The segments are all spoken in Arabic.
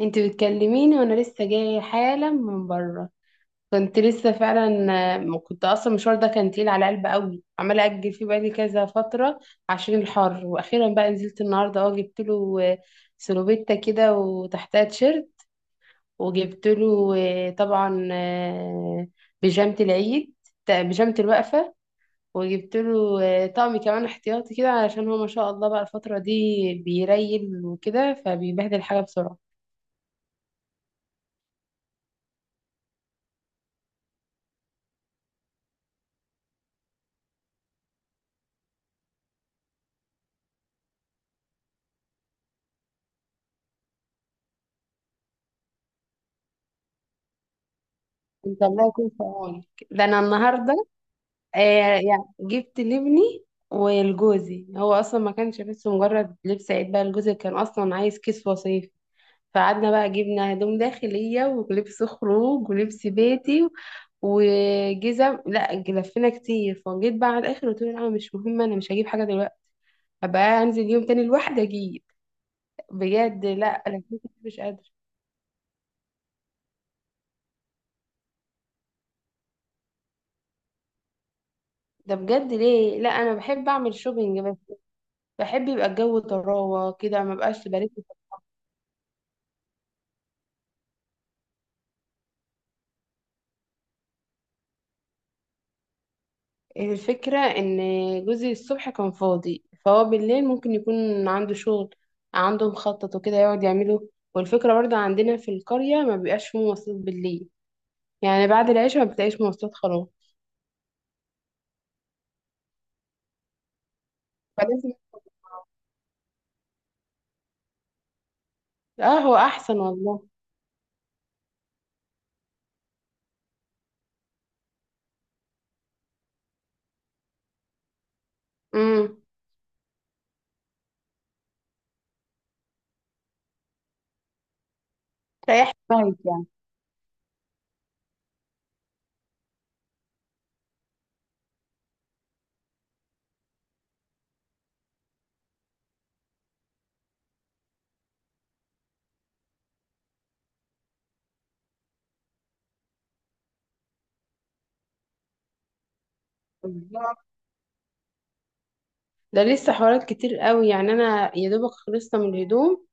انت بتكلميني وانا لسه جايه حالا من بره. كنت لسه فعلا. ما كنت اصلا، المشوار ده كان تقيل على قلبي قوي عماله اجل فيه بقالي كذا فتره عشان الحر، واخيرا بقى نزلت النهارده. اه جبت له سلوبيتا كده وتحتها تيشيرت. وجبت له طبعا بيجامه العيد، بيجامه الوقفه. وجبت له طقم كمان احتياطي كده علشان هو ما شاء الله بقى الفتره دي بيريل وكده فبيبهدل حاجه بسرعه. انت الله يكون في عونك. ده انا النهارده. آه، يعني جبت لابني ولجوزي، هو اصلا ما كانش بس مجرد لبس عيد، بقى لجوزي كان اصلا عايز كيس وصيف، فقعدنا بقى جبنا هدوم داخليه ولبس خروج ولبس بيتي وجزم. لا، لفينا كتير فجيت بقى على الاخر، قلت له لا مش مهم، انا مش هجيب حاجه دلوقتي، هبقى انزل يوم تاني لوحدي اجيب. بجد، لا، انا كنت مش قادره. ده بجد ليه؟ لا، انا بحب اعمل شوبينج، بحب يبقى الجو طراوة كده ما بقاش برد. الفكرة ان جوزي الصبح كان فاضي، فهو بالليل ممكن يكون عنده شغل، عنده مخطط وكده يقعد يعمله. والفكرة برضه عندنا في القرية ما بيبقاش فيه مواصلات بالليل، يعني بعد العشاء ما بتلاقيش مواصلات خلاص، فلازم. اه، هو احسن والله. امم. ريحت دماغك يعني. بالظبط. ده لسه حوارات كتير قوي، يعني انا يا دوبك خلصنا من الهدوم.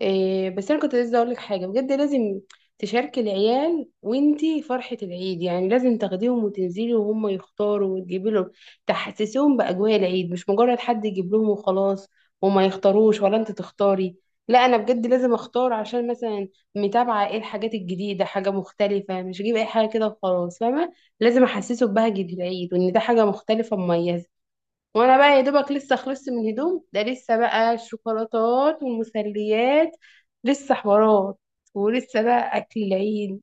إيه، بس انا كنت لسه اقول لك حاجه، بجد لازم تشاركي العيال وانتي فرحه العيد، يعني لازم تاخديهم وتنزلي وهم يختاروا وتجيبي لهم، تحسسيهم باجواء العيد، مش مجرد حد يجيب لهم وخلاص وما يختاروش ولا انت تختاري. لا، انا بجد لازم اختار عشان مثلا متابعه ايه الحاجات الجديده، حاجه مختلفه، مش اجيب اي حاجه كده وخلاص، فاهمه. لازم احسسه ببهجه العيد وان ده حاجه مختلفه مميزه. وانا بقى يا دوبك لسه خلصت من الهدوم، ده لسه بقى الشوكولاتات والمسليات، لسه حوارات، ولسه بقى اكل العيد.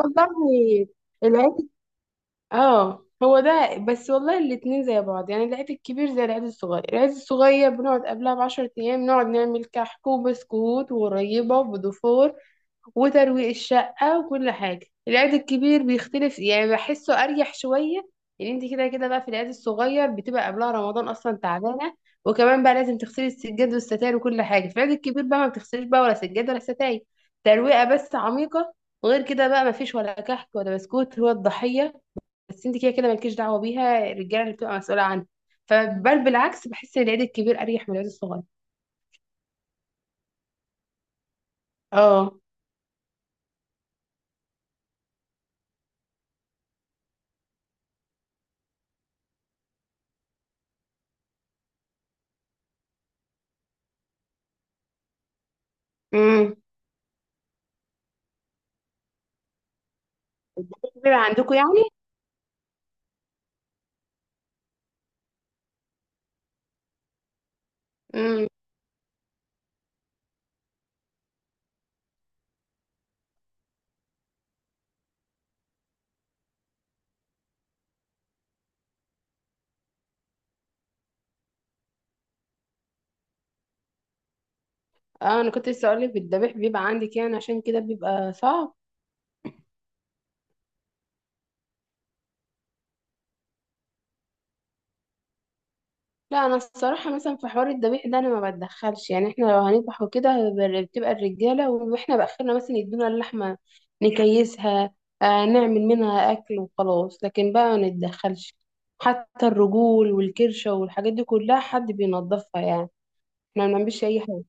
والله العيد. اه، هو ده بس والله، الاتنين زي بعض، يعني العيد الكبير زي العيد الصغير. العيد الصغير بنقعد قبلها ب10 ايام نقعد نعمل كحك وبسكوت وغريبة وبدفور وترويق الشقة وكل حاجة. العيد الكبير بيختلف، يعني بحسه أريح شوية. يعني انت كده كده بقى في العيد الصغير بتبقى قبلها رمضان أصلا تعبانة، وكمان بقى لازم تغسلي السجاد والستاير وكل حاجة. في العيد الكبير بقى ما بتغسليش بقى ولا سجاد ولا ستاير، ترويقة بس عميقة. وغير كده بقى ما فيش ولا كحك ولا بسكوت، هو الضحية بس انت كده كده مالكيش دعوة بيها، الرجالة اللي بتبقى مسؤولة عنها. فبل بالعكس، بحس ان العيد الكبير أريح من العيد الصغير. اه. امم. كبير عندكم يعني. اه، انا كنت لسه اقولك الذبيح بيبقى عندي كده، أنا عشان كده بيبقى صعب. لا، انا الصراحه مثلا في حوار الذبيح ده انا ما بتدخلش، يعني احنا لو هنذبح وكده بتبقى الرجاله، واحنا باخرنا مثلا يدونا اللحمه نكيسها، نعمل منها اكل وخلاص، لكن بقى ما نتدخلش. حتى الرجول والكرشه والحاجات دي كلها حد بينظفها يعني، احنا ما بنعملش اي حاجه.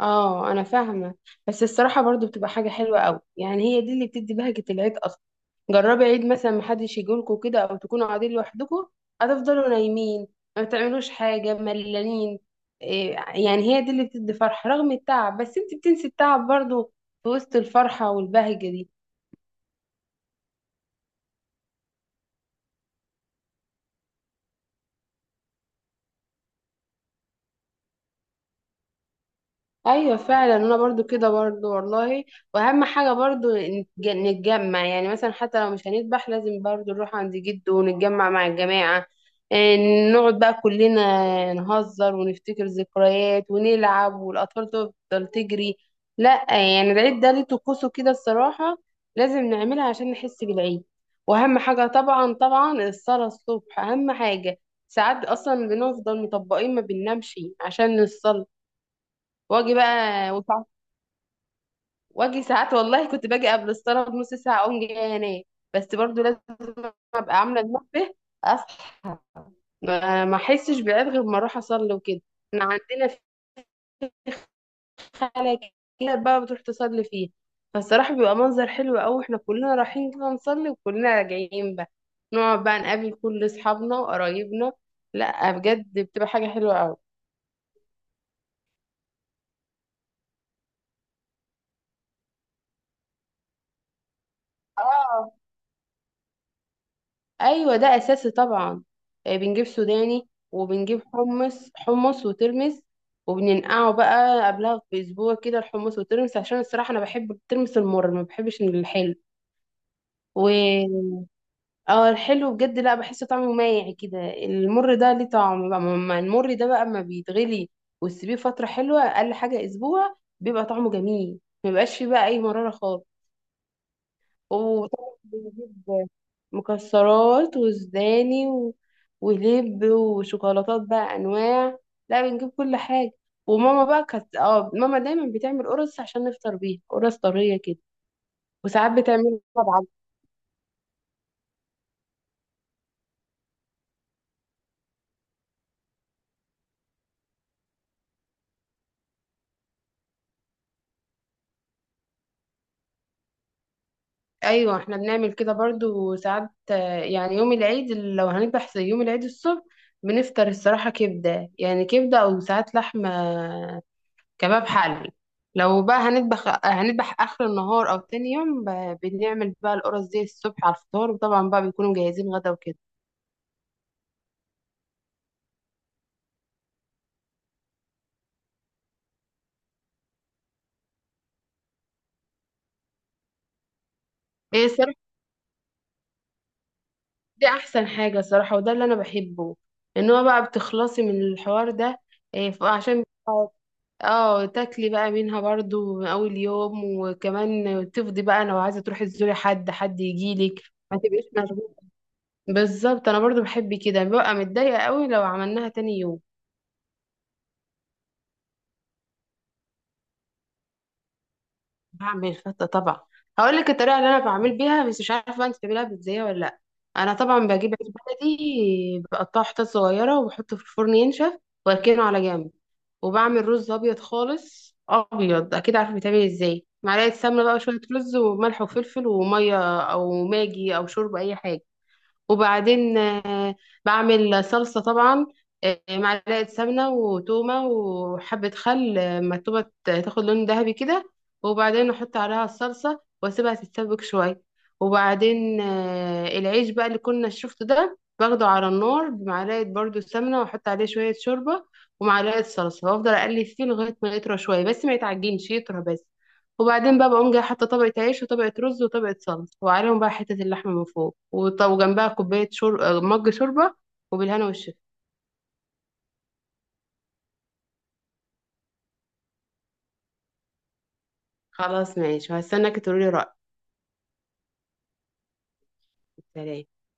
اه، انا فاهمه. بس الصراحه برضو بتبقى حاجه حلوه قوي، يعني هي دي اللي بتدي بهجه العيد اصلا. جربي عيد مثلا محدش يجيلكوا كده او تكونوا قاعدين لوحدكم، هتفضلوا نايمين ما بتعملوش حاجه، ملانين. إيه، يعني هي دي اللي بتدي فرحه رغم التعب، بس انت بتنسي التعب برضو في وسط الفرحه والبهجه دي. ايوه فعلا، انا برضو كده برضو والله. واهم حاجه برضو نتجمع، يعني مثلا حتى لو مش هنذبح لازم برضو نروح عند جده ونتجمع مع الجماعه. إيه، نقعد بقى كلنا نهزر ونفتكر ذكريات ونلعب والاطفال تفضل تجري. لا يعني، العيد ده ليه طقوسه كده الصراحه، لازم نعملها عشان نحس بالعيد. واهم حاجه طبعا طبعا الصلاه الصبح اهم حاجه، ساعات اصلا بنفضل مطبقين ما بننامش عشان نصلي. واجي بقى وسع- واجي ساعات والله، كنت باجي قبل الصلاه بنص ساعه اقوم جايه انام، بس برضو لازم ابقى عامله المنبه اصحى. ما احسش بعيد غير ما اروح اصلي وكده. احنا عندنا في خاله كده بقى بتروح تصلي فيه، فالصراحه بيبقى منظر حلو قوي واحنا كلنا رايحين كده نصلي، وكلنا راجعين بقى نقعد بقى نقابل كل اصحابنا وقرايبنا. لا بجد، بتبقى حاجه حلوه قوي. اه. ايوه، ده اساسي طبعا. بنجيب سوداني وبنجيب حمص حمص وترمس، وبننقعه بقى قبلها باسبوع كده، الحمص والترمس، عشان الصراحه انا بحب الترمس المر، ما بحبش الحلو. و اه الحلو بجد لا، بحس طعمه مايع كده. المر ده ليه طعم بقى، ما المر ده بقى اما بيتغلي وتسيبيه فتره حلوه اقل حاجه اسبوع بيبقى طعمه جميل، ما بيبقاش فيه بقى اي مراره خالص. وطبعا بنجيب مكسرات وسوداني ولب وشوكولاتات بقى انواع، لا بنجيب كل حاجه. وماما بقى كانت ماما دايما بتعمل قرص عشان نفطر بيها، قرص طريه كده، وساعات بتعمل طبعا. ايوه، احنا بنعمل كده برضو. وساعات يعني يوم العيد لو هنذبح، زي يوم العيد الصبح بنفطر الصراحه كبده، يعني كبده او ساعات لحمه كباب حل. لو بقى هنذبح هنذبح اخر النهار او تاني يوم بنعمل بقى القرص دي الصبح على الفطار، وطبعا بقى بيكونوا مجهزين غدا وكده. ايه الصراحه، دي احسن حاجه صراحه، وده اللي انا بحبه، ان هو بقى بتخلصي من الحوار ده. إيه، عشان اه تاكلي بقى منها برضو من اول يوم، وكمان تفضي بقى لو عايزه تروحي تزوري حد، حد يجيلك، ما تبقيش مشغوله. بالظبط، انا برضو بحب كده، ببقى متضايقه قوي لو عملناها تاني يوم. بعمل فتة طبعا، هقول لك الطريقة اللي انا بعمل بيها، بس مش عارفة بقى انت بتعمليها ازاي ولا لا. انا طبعا بجيب عيش بلدي بقطعه حتت صغيرة وبحطه في الفرن ينشف واركنه على جنب، وبعمل رز ابيض خالص، ابيض اكيد عارفه بيتعمل ازاي، معلقة سمنة بقى وشوية رز وملح وفلفل ومية او ماجي او شوربة اي حاجة. وبعدين بعمل صلصة طبعا، معلقة سمنة وتومة وحبة خل، ما التومة تاخد لون ذهبي كده، وبعدين أحط عليها الصلصة وأسيبها تتسبك شوية. وبعدين العيش بقى اللي كنا شفته ده باخده على النار بمعلقة برضو سمنة، وأحط عليه شوية شوربة ومعلقة صلصة وأفضل أقلب فيه لغاية ما يطرى شوية بس ما يتعجنش، يطرى بس. وبعدين بقى بقوم جايه حاطه طبقه عيش وطبقه رز وطبقه صلصه، وعليهم بقى حته اللحمه من فوق، وجنبها كوبايه شرب مج شوربه، وبالهنا والشفا. خلاص ماشي، وهستناك تقولي رايك. سلام.